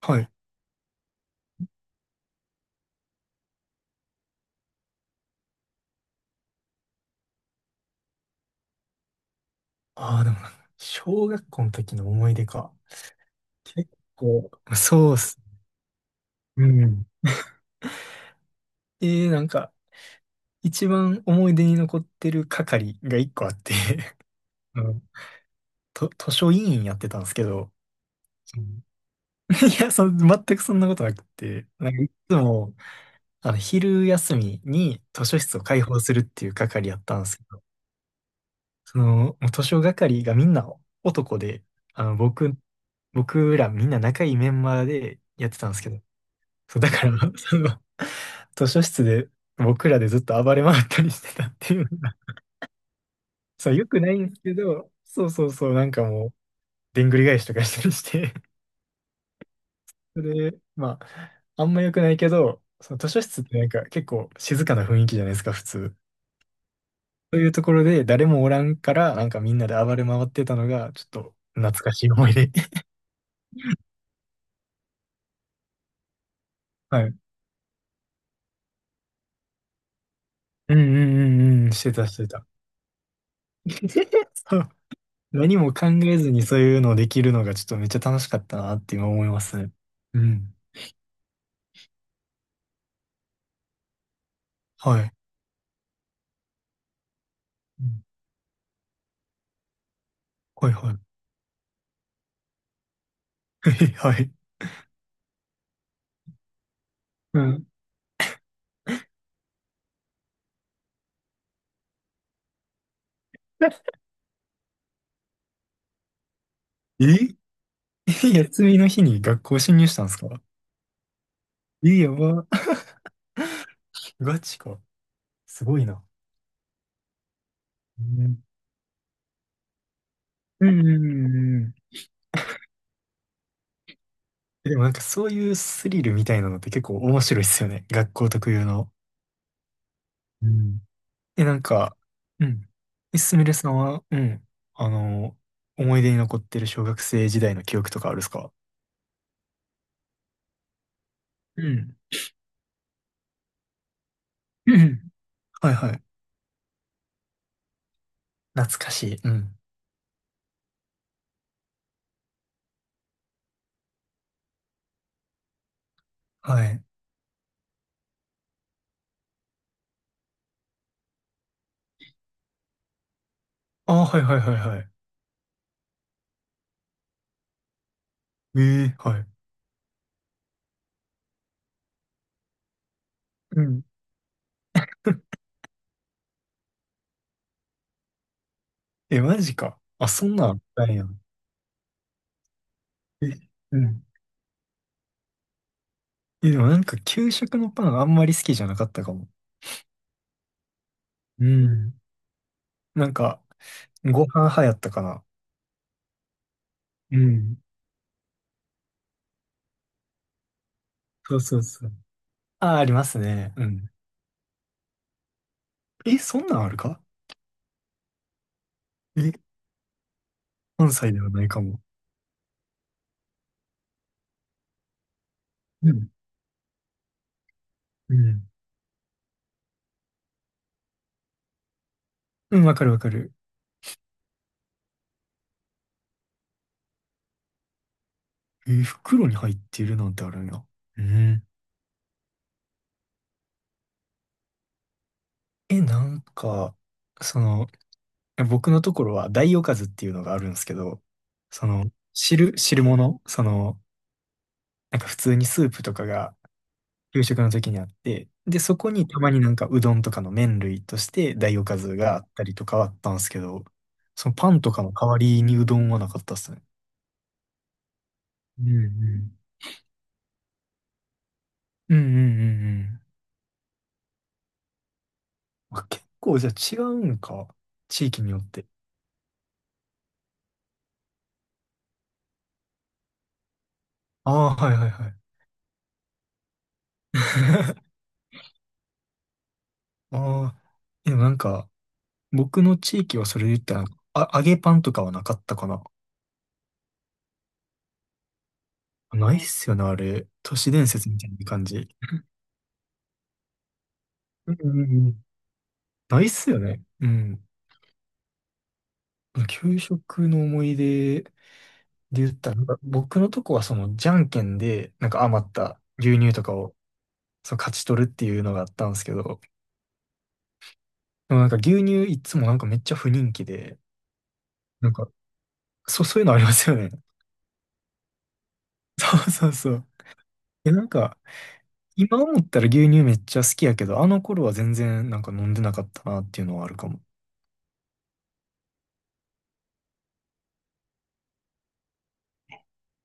はい。ああ、でもなんか、小学校の時の思い出か。結構、そうっす。うん。で、なんか、一番思い出に残ってる係が一個あって、 あのと、図書委員やってたんですけど、うん。 いや、全くそんなことなくて、なんかいつも、昼休みに図書室を開放するっていう係やったんですけど、その、もう図書係がみんな男で、あの、僕、僕らみんな仲いいメンバーでやってたんですけど、そう、だから、その、図書室で僕らでずっと暴れ回ったりしてたっていうのが、そう、良くないんですけど、そうそうそう、なんかもう、でんぐり返しとかしたりして、それで、まあ、あんま良くないけど、その図書室ってなんか結構静かな雰囲気じゃないですか、普通。そういうところで誰もおらんから、なんかみんなで暴れ回ってたのが、ちょっと懐かしい思い出。はい。うんうんうんうん、してたしてた。何も考えずにそういうのをできるのがちょっとめっちゃ楽しかったなって今思いますね。うん。はい。うん、はいはい。はい。うん。え。 休みの日に学校侵入したんですか？え、やば。ガチか。すごいな。うんうんうんうんうん。でもなんかそういうスリルみたいなのって結構面白いですよね。学校特有の。うん。え、なんか、うん。え、すみれさんは、うん、あの、思い出に残ってる小学生時代の記憶とかあるっすか？うん。はいはい。懐かしい。うん。はい。ああ、はいはいはいはい。ええ、はい。うん。え、マジか。あ、そんなんあったんや。え、うん。え、でもなんか給食のパンあんまり好きじゃなかったかも。うん。なんか、ご飯派やったかな。うん。そうそうそう。ああ、ありますね。うん。え、そんなんあるか？え、関西ではないかも。うん。うん。うん、わかるわかる。え、袋に入ってるなんてあるんや。うん。え、なんか、その、僕のところは大おかずっていうのがあるんですけど、汁物、なんか普通にスープとかが給食の時にあって、で、そこにたまになんかうどんとかの麺類として大おかずがあったりとかはあったんですけど、そのパンとかの代わりにうどんはなかったっすね。うんうん。うんうんうんうん。あ、結構じゃあ違うんか。地域によって。ああ、はいはいはい。ああ、でもなんか、僕の地域はそれで言ったら、あ、揚げパンとかはなかったかな。ないっすよね、あれ。都市伝説みたいな感じ。うんうんうん。ないっすよね。うん。給食の思い出で言ったら、なんか僕のとこはその、じゃんけんで、なんか余った牛乳とかを、その勝ち取るっていうのがあったんですけど、でもなんか牛乳いつもなんかめっちゃ不人気で、なんか、そう、そういうのありますよね。そうそうそう。え、なんか、今思ったら牛乳めっちゃ好きやけど、あの頃は全然なんか飲んでなかったなっていうのはあるかも。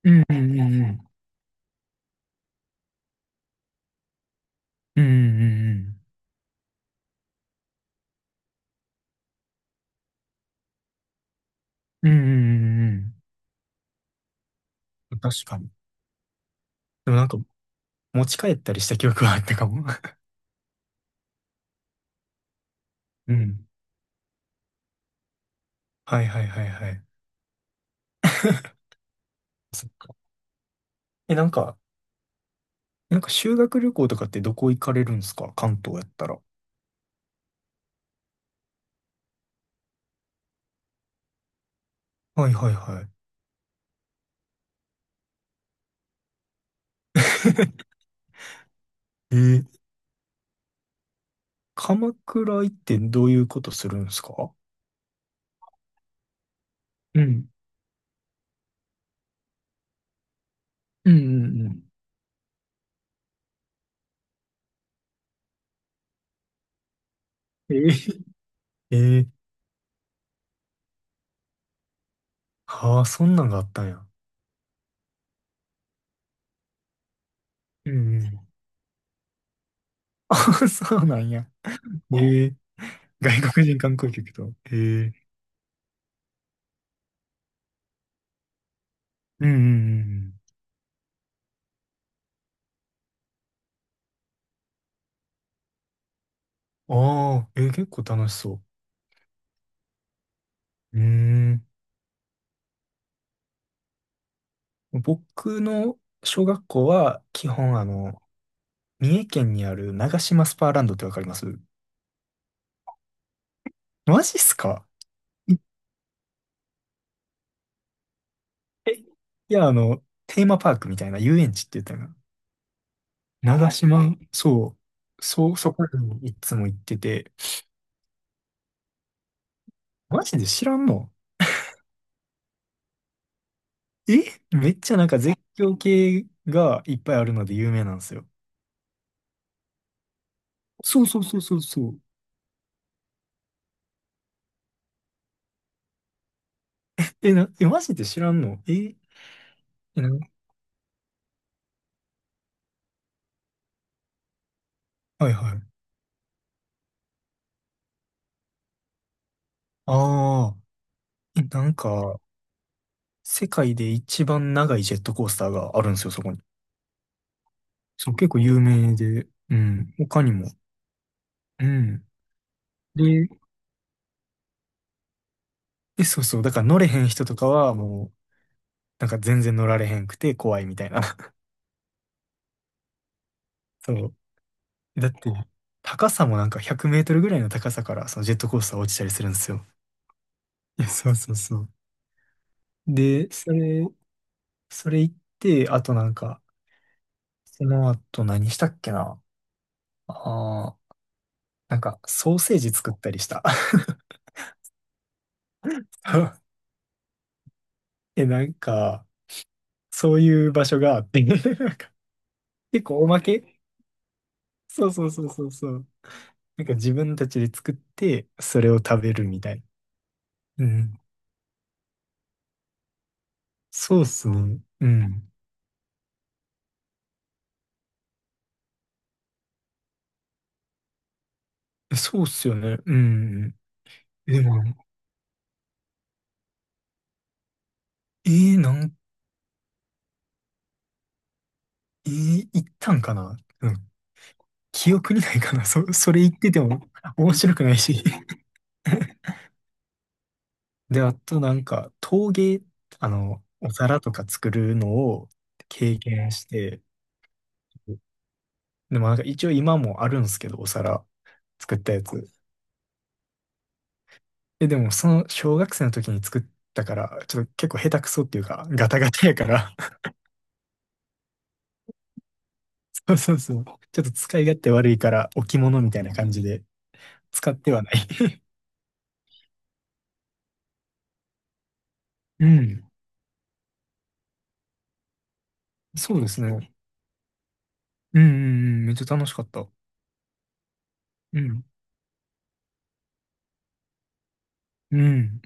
うんうんうんうんうんうんうんうんうんうんうん、確かに。でもなんか持ち帰ったりした記憶はあったかも。うん、はいはいはいはい。そう。え、なんか、修学旅行とかってどこ行かれるんですか、関東やったら？はいはいはい。えー鎌倉行ってどういうことするんですか？うんうんうんうんうんうん、えー、えー、はあ、そんなんがあったんや。うんうん。そうなんや。ね。ええ、外国人観光客と。ええ、うんうんうん。ああ、結構楽しそう。うーん。僕の小学校は、基本三重県にある長島スパーランドってわかります？マジっすか？いえ、いや、テーマパークみたいな遊園地って言ったよな。長島、そう、そう、そこにいつも行ってて、マジで知らんの？え、めっちゃなんか絶叫系がいっぱいあるので有名なんですよ。そうそうそうそうそう。え、え、マジで知らんの？え、え、はいはい。ああ、え、なんか、世界で一番長いジェットコースターがあるんですよ、そこに。そう、結構有名で、うん、他にも。うん。で、え、そうそう、だから乗れへん人とかはもう、なんか全然乗られへんくて怖いみたいな。そう。だって、高さもなんか100メートルぐらいの高さから、そのジェットコースター落ちたりするんですよ。そうそうそう。で、それ行って、あとなんか、その後何したっけな。ああー、なんか、ソーセージ作ったりした。え、なんか、そういう場所があって、なんか、結構おまけ。そうそうそうそうそう。なんか自分たちで作って、それを食べるみたいな。うん。そうっすね。うん。そうっすよね。うん。でも、えー、なん、えー、行ったんかな。うん、記憶にないかな。それ言ってても面白くないし。で、あとなんか、陶芸、お皿とか作るのを経験して、でもなんか一応今もあるんですけど、お皿作ったやつ。え、でもその小学生の時に作ったから、ちょっと結構下手くそっていうか、ガタガタやから、そうそうそう。ちょっと使い勝手悪いから、置物みたいな感じで使ってはない。うん。そうですね。うんうんうん。めっちゃ楽しかった。うん。うん。